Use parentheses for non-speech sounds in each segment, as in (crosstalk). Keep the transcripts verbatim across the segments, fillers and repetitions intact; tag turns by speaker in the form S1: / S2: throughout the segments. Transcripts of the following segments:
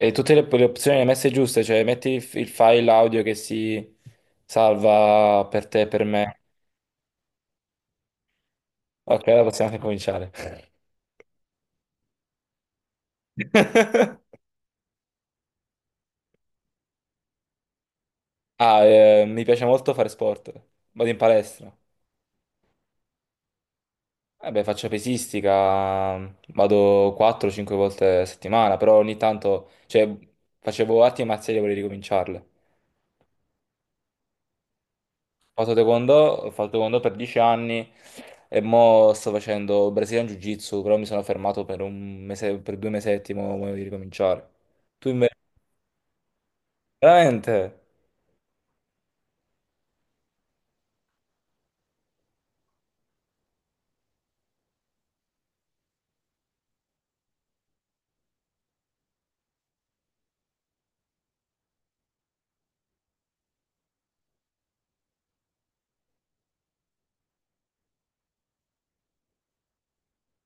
S1: E tutte le, le opzioni le hai messe giuste, cioè metti il, il file audio che si salva per te, per me. Ok, allora possiamo anche cominciare. (laughs) Ah, eh, mi piace molto fare sport. Vado in palestra. Vabbè, faccio pesistica, vado quattro cinque volte a settimana, però ogni tanto, cioè, facevo arti marziali e vorrei ricominciarle. Ho fatto taekwondo, ho fatto taekwondo per dieci anni e mo sto facendo Brazilian Jiu-Jitsu, però mi sono fermato per un mese, per due mesetti, mo voglio di ricominciare. Tu invece? Veramente?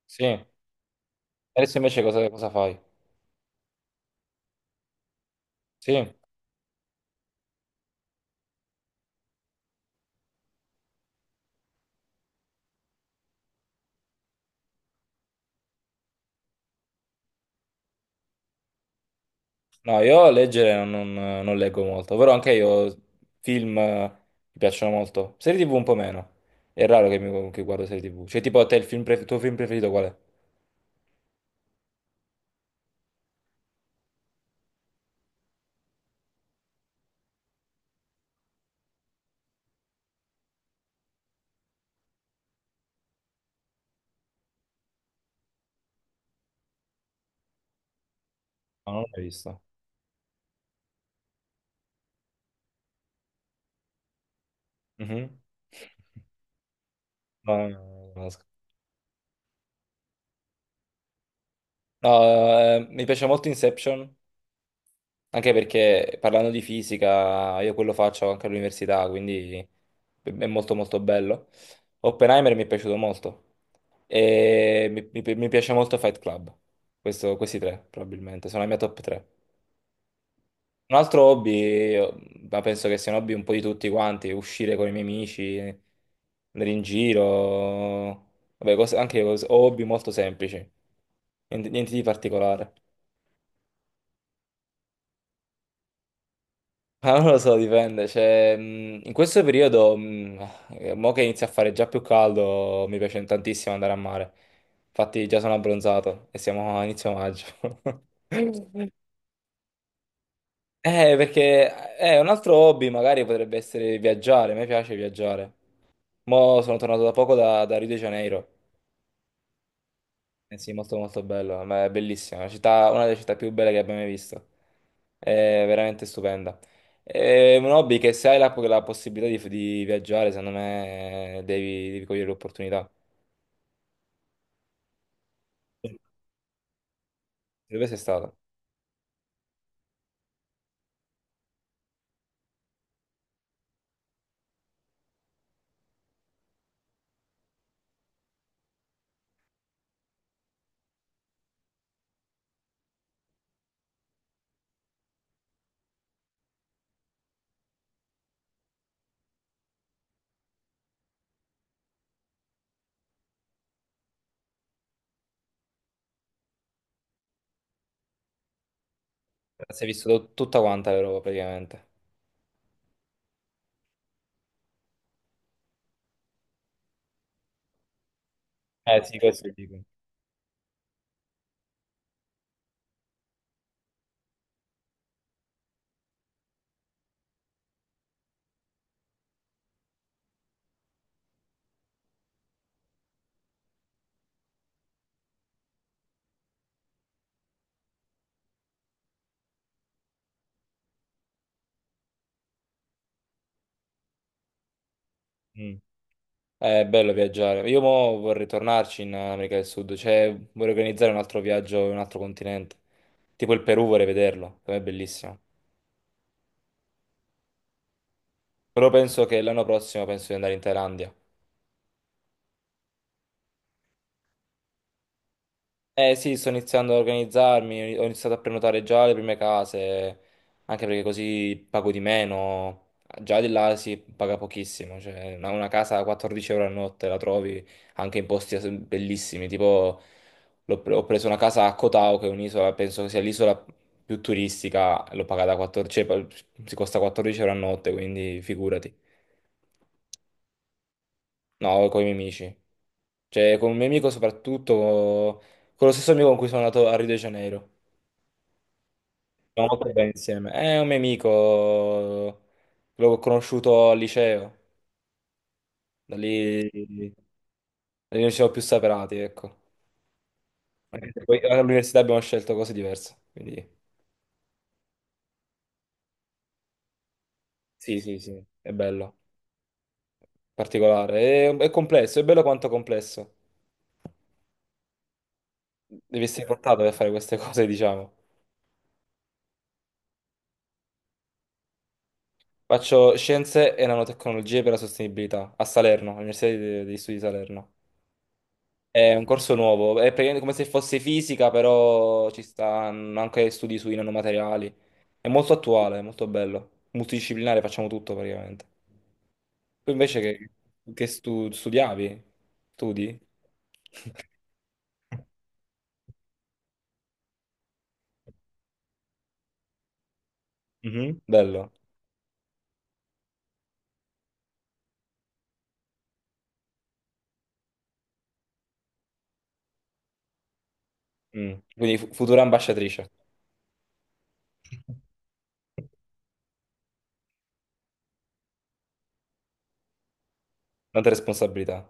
S1: Sì. Adesso invece cosa, cosa fai? Sì. No, io leggere non, non- non leggo molto, però anche io film eh, mi piacciono molto. Serie T V un po' meno. È raro che, mi, che guardo serie T V. Cioè, tipo a te il film pref- tuo film preferito qual è? No, non l'ho mai visto. Mhm. No, no, no, no, no. No, eh, mi piace molto Inception. Anche perché parlando di fisica, io quello faccio anche all'università, quindi è molto molto bello. Oppenheimer mi è piaciuto molto e mi, mi- mi piace molto Fight Club. Questo- questi tre probabilmente sono la mia top tre. Un altro hobby, ma penso che sia un hobby un po' di tutti quanti, uscire con i miei amici, andare in giro, vabbè, cose- anche cose- hobby molto semplici, niente niente di particolare. Ah, non lo so, dipende. Cioè, mh, in questo periodo, mh, eh, mo che inizia a fare già più caldo, mi piace tantissimo andare a mare. Infatti, già sono abbronzato e siamo a inizio maggio. (laughs) Eh, perché eh, un altro hobby magari potrebbe essere viaggiare. A me piace viaggiare. Mo sono tornato da poco da, da Rio de Janeiro. Eh sì, molto molto bello, ma è bellissima, una città- una delle città più belle che abbia mai visto, è veramente stupenda. È un hobby che se hai la, la possibilità di, di viaggiare, secondo me eh, devi, devi cogliere l'opportunità. Dove sei stato? Sei visto tut- tutta quanta l'Europa praticamente. Eh sì, questo dico. Mm. È bello viaggiare. Io mo vorrei tornarci in America del Sud, cioè vorrei organizzare un altro viaggio in un altro continente, tipo il Perù vorrei vederlo, per me è bellissimo. Però penso che l'anno prossimo penso di andare in Thailandia. Eh sì, sto iniziando a organizzarmi, ho iniziato a prenotare già le prime case, anche perché così pago di meno. Già di là si paga pochissimo, cioè una una casa a quattordici euro a notte la trovi anche in posti as- bellissimi, tipo l'ho pre- ho preso una casa a Koh Tao, che è un'isola, penso che sia l'isola più turistica, l'ho pagata quattordici, cioè, si costa quattordici euro a notte, quindi figurati. No, con i miei amici, cioè con un mio amico soprattutto, con lo stesso amico con cui sono andato a Rio de Janeiro. Stiamo molto bene insieme. È un mio amico, l'ho conosciuto al liceo, da lì, da lì non ci siamo più separati, ecco. (laughs) Anche se poi all'università abbiamo scelto cose diverse, quindi sì, sì, sì, è bello, particolare. È, è complesso, è bello quanto complesso. Devi essere portato per fare queste cose, diciamo. Faccio scienze e nanotecnologie per la sostenibilità a Salerno, all'Università de- degli Studi di Salerno. È un corso nuovo, è praticamente come se fosse fisica, però ci stanno anche studi sui nanomateriali. È molto attuale, è molto bello. Multidisciplinare, facciamo tutto praticamente. Tu invece che, che stu- studiavi? Studi? (laughs) Mhm. Bello. Mm. Quindi fu- futura ambasciatrice, tante responsabilità.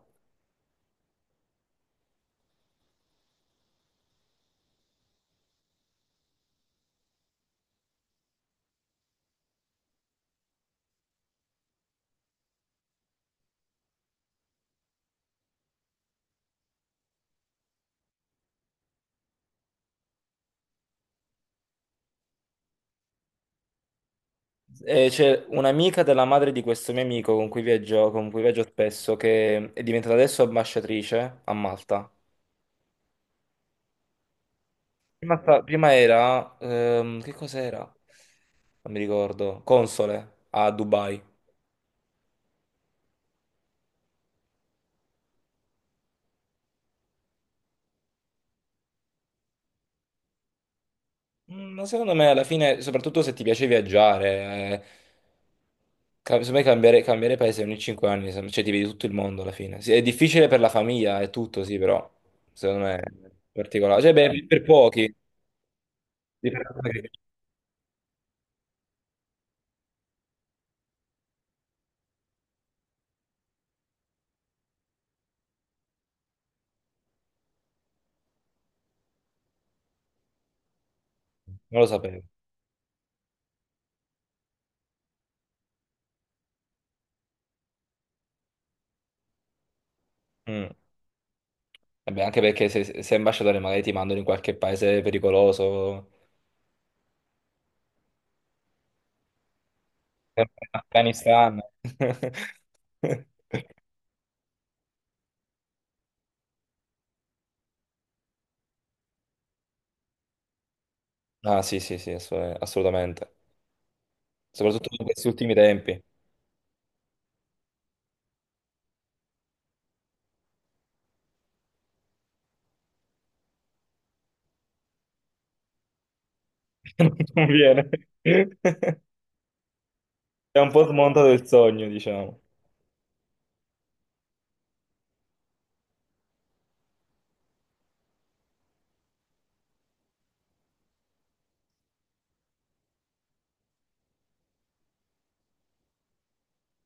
S1: E c'è un'amica della madre di questo mio amico con cui viaggio, con cui viaggio spesso, che è diventata adesso ambasciatrice a Malta. Prima, sta- prima era, ehm, che cos'era? Non mi ricordo, console a Dubai. Mm, Ma secondo me alla fine, soprattutto se ti piace viaggiare, eh, ca- secondo me cambiare, cambiare paese ogni cinque anni, se- cioè ti vedi tutto il mondo alla fine. Sì, è difficile per la famiglia e tutto, sì, però secondo me è particolare. Cioè, beh, per pochi, non lo sapevo. Mm. Vabbè, anche perché se se sei ambasciatore magari ti mandano in qualche paese pericoloso, sempre in Afghanistan. (laughs) Ah, sì, sì, sì, ass- assolutamente. Soprattutto in questi ultimi tempi. (laughs) Non conviene. (laughs) È un po' smontato il sogno, diciamo.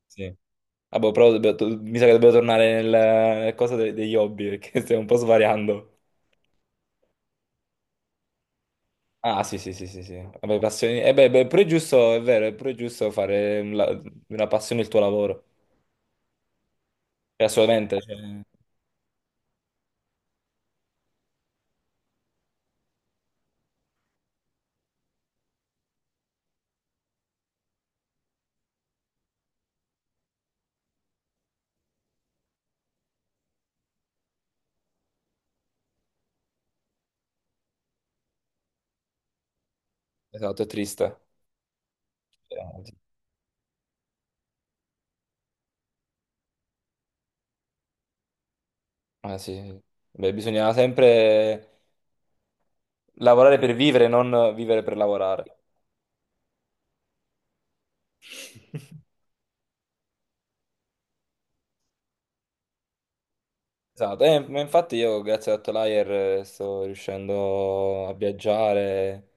S1: Sì. Vabbè, però dobbiamo- to- mi sa che dobbiamo tornare nel- nella cosa de- degli hobby, perché (laughs) stiamo un po' svariando. Ah, sì, sì, sì, sì, sì. Vabbè, passioni. Eh beh, beh, pure è giusto, è vero, è pure giusto fare un la- una passione il tuo lavoro. Eh, Assolutamente, cioè, esatto, è triste. Eh, Ah, sì. Sì. Beh, bisogna sempre lavorare per vivere, non vivere per lavorare. Esatto, eh, ma infatti io grazie ad Outlier eh, sto riuscendo a viaggiare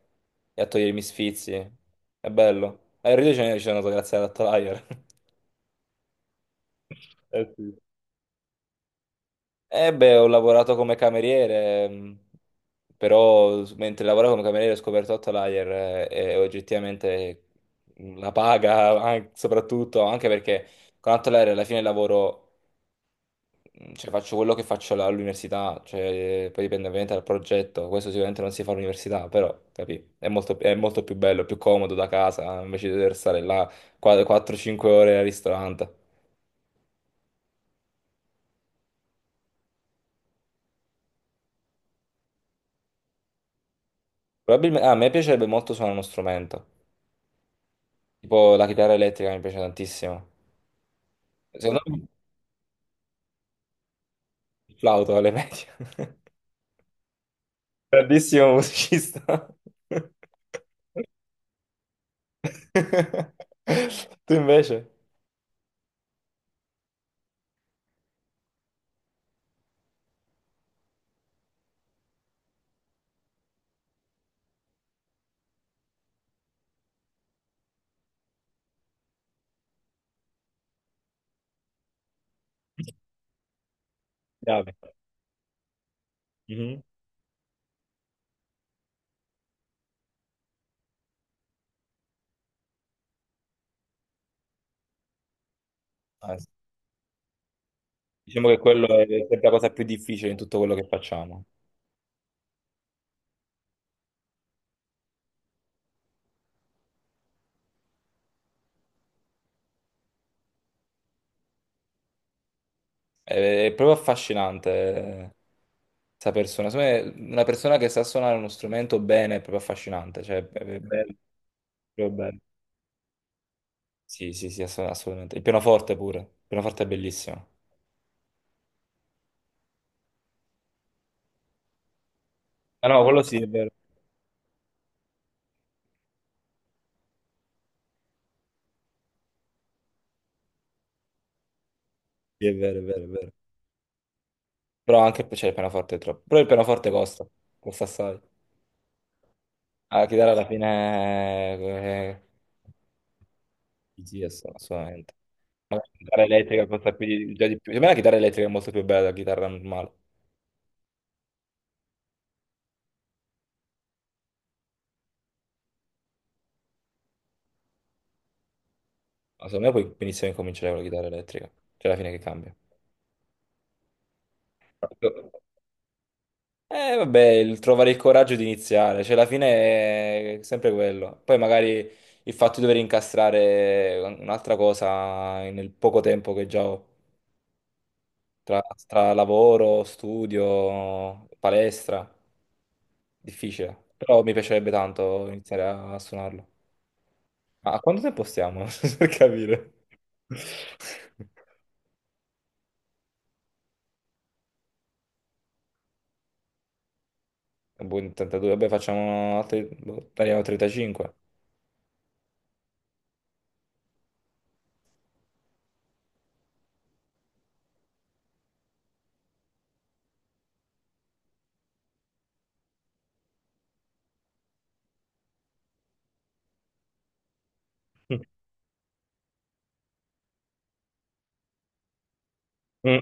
S1: e a togliermi sfizi. È bello. E Rio de Janeiro ci sono andato grazie ad Outlier. (laughs) Eh sì. Eh beh, ho lavorato come cameriere, mh, però s- mentre lavoravo come cameriere ho scoperto Outlier, eh, e oggettivamente, mh, la paga, an- soprattutto anche perché con Outlier alla fine il lavoro, Mm, cioè, faccio quello che faccio alla- all'università, cioè, poi dipende ovviamente dal progetto, questo sicuramente non si fa all'università, però, capì? È molto, è molto più bello, più comodo da casa, invece di dover stare là quattro cinque ore al ristorante. Probabilmente, a me piacerebbe molto suonare uno strumento, tipo la chitarra elettrica mi piace tantissimo. Secondo me il flauto alle medie, (laughs) grandissimo musicista. (laughs) Tu invece? Chiave. Mhm. Ah, sì. Diciamo che quello è sempre la cosa più difficile in tutto quello che facciamo. È, è proprio affascinante questa persona. Secondo me, una persona che sa suonare uno strumento bene è proprio affascinante. Cioè, è, è bello, proprio bello. Sì, sì, sì, ass- assolutamente. Il pianoforte pure. Il pianoforte è bellissimo. Ah no, quello sì, è vero. Sì, è vero, è vero, è vero. Però anche cioè, il pianoforte è troppo. Però il pianoforte costa, costa assai. La chitarra alla fine. eh, Sì, sì, ass- assolutamente. Ma la chitarra elettrica costa più di, già di più. Secondo me la chitarra elettrica è molto più bella della chitarra normale. Ma secondo me puoi benissimo incominciare con la chitarra elettrica. C'è alla fine che cambia. Eh, vabbè, il trovare il coraggio di iniziare, cioè alla fine è sempre quello. Poi magari il fatto di dover incastrare un'altra cosa nel poco tempo che già ho, tra, tra lavoro, studio, palestra, difficile. Però mi piacerebbe tanto iniziare a suonarlo. Ma a quanto tempo stiamo? (laughs) Per capire. Boh, in trentadue, vabbè, facciamo altri, boh, tagliamo trentacinque. Mm.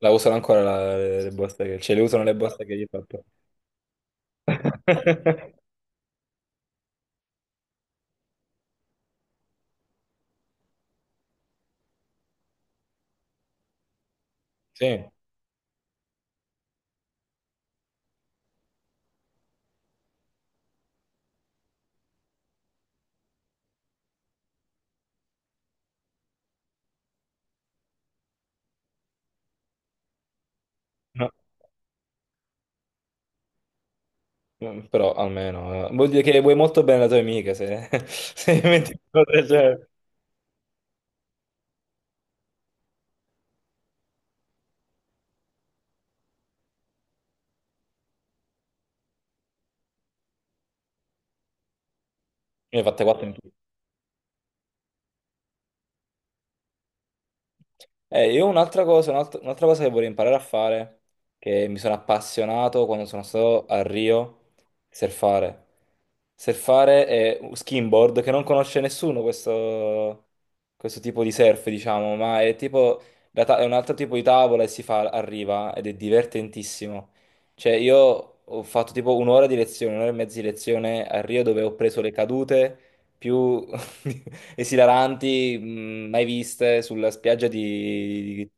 S1: La usano ancora la- le, le buste che. Cioè, le usano le buste che gli ho fatto. (laughs) Sì, no. Mm, però almeno, eh, vuol dire che vuoi molto bene la tua amica, se, (laughs) se gli metti un po' del genere. Ne ho fatte quattro in tutto. Eh, io un'altra cosa, un'alt- un'altra cosa che vorrei imparare a fare, che mi sono appassionato quando sono stato a Rio, surfare. Surfare è un skimboard che non conosce nessuno questo, questo, tipo di surf, diciamo, ma è tipo la ta- è un altro tipo di tavola e si fa a riva ed è divertentissimo. Cioè, io ho fatto tipo un'ora di lezione, un'ora e mezza di lezione a Rio dove ho preso le cadute più (laughs) esilaranti, mh, mai viste sulla spiaggia di,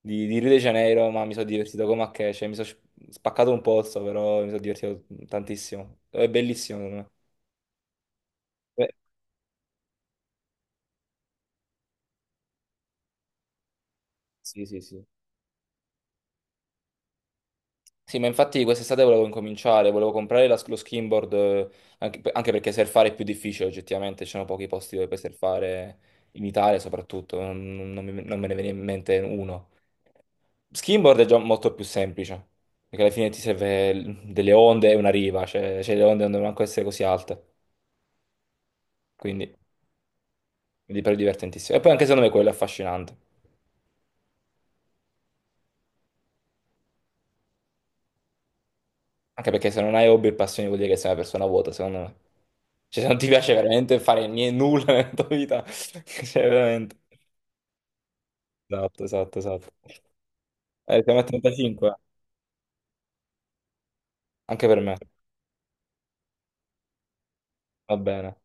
S1: di- di Rio de Janeiro, ma mi sono divertito come a che, cioè mi sono spaccato un pozzo, però mi sono divertito tantissimo. È bellissimo, secondo me. Eh, Sì, sì, sì. Sì, ma infatti quest'estate volevo incominciare, volevo comprare la- lo skimboard, eh, anche, pe- anche perché surfare è più difficile oggettivamente, ci sono pochi posti dove puoi surfare, in Italia soprattutto, non, non mi- non me ne viene in mente uno. Skimboard è già molto più semplice, perché alla fine ti serve l- delle onde e una riva, cioè, cioè le onde non devono manco essere così alte, quindi mi pare divertentissimo. E poi anche secondo me quello è affascinante. Anche perché se non hai hobby e passioni vuol dire che sei una persona vuota, secondo me. Cioè, se non ti piace veramente fare niente, nulla nella tua vita, (laughs) cioè, veramente. Esatto, esatto, esatto. Eh, siamo a trentacinque, anche per me. Va bene.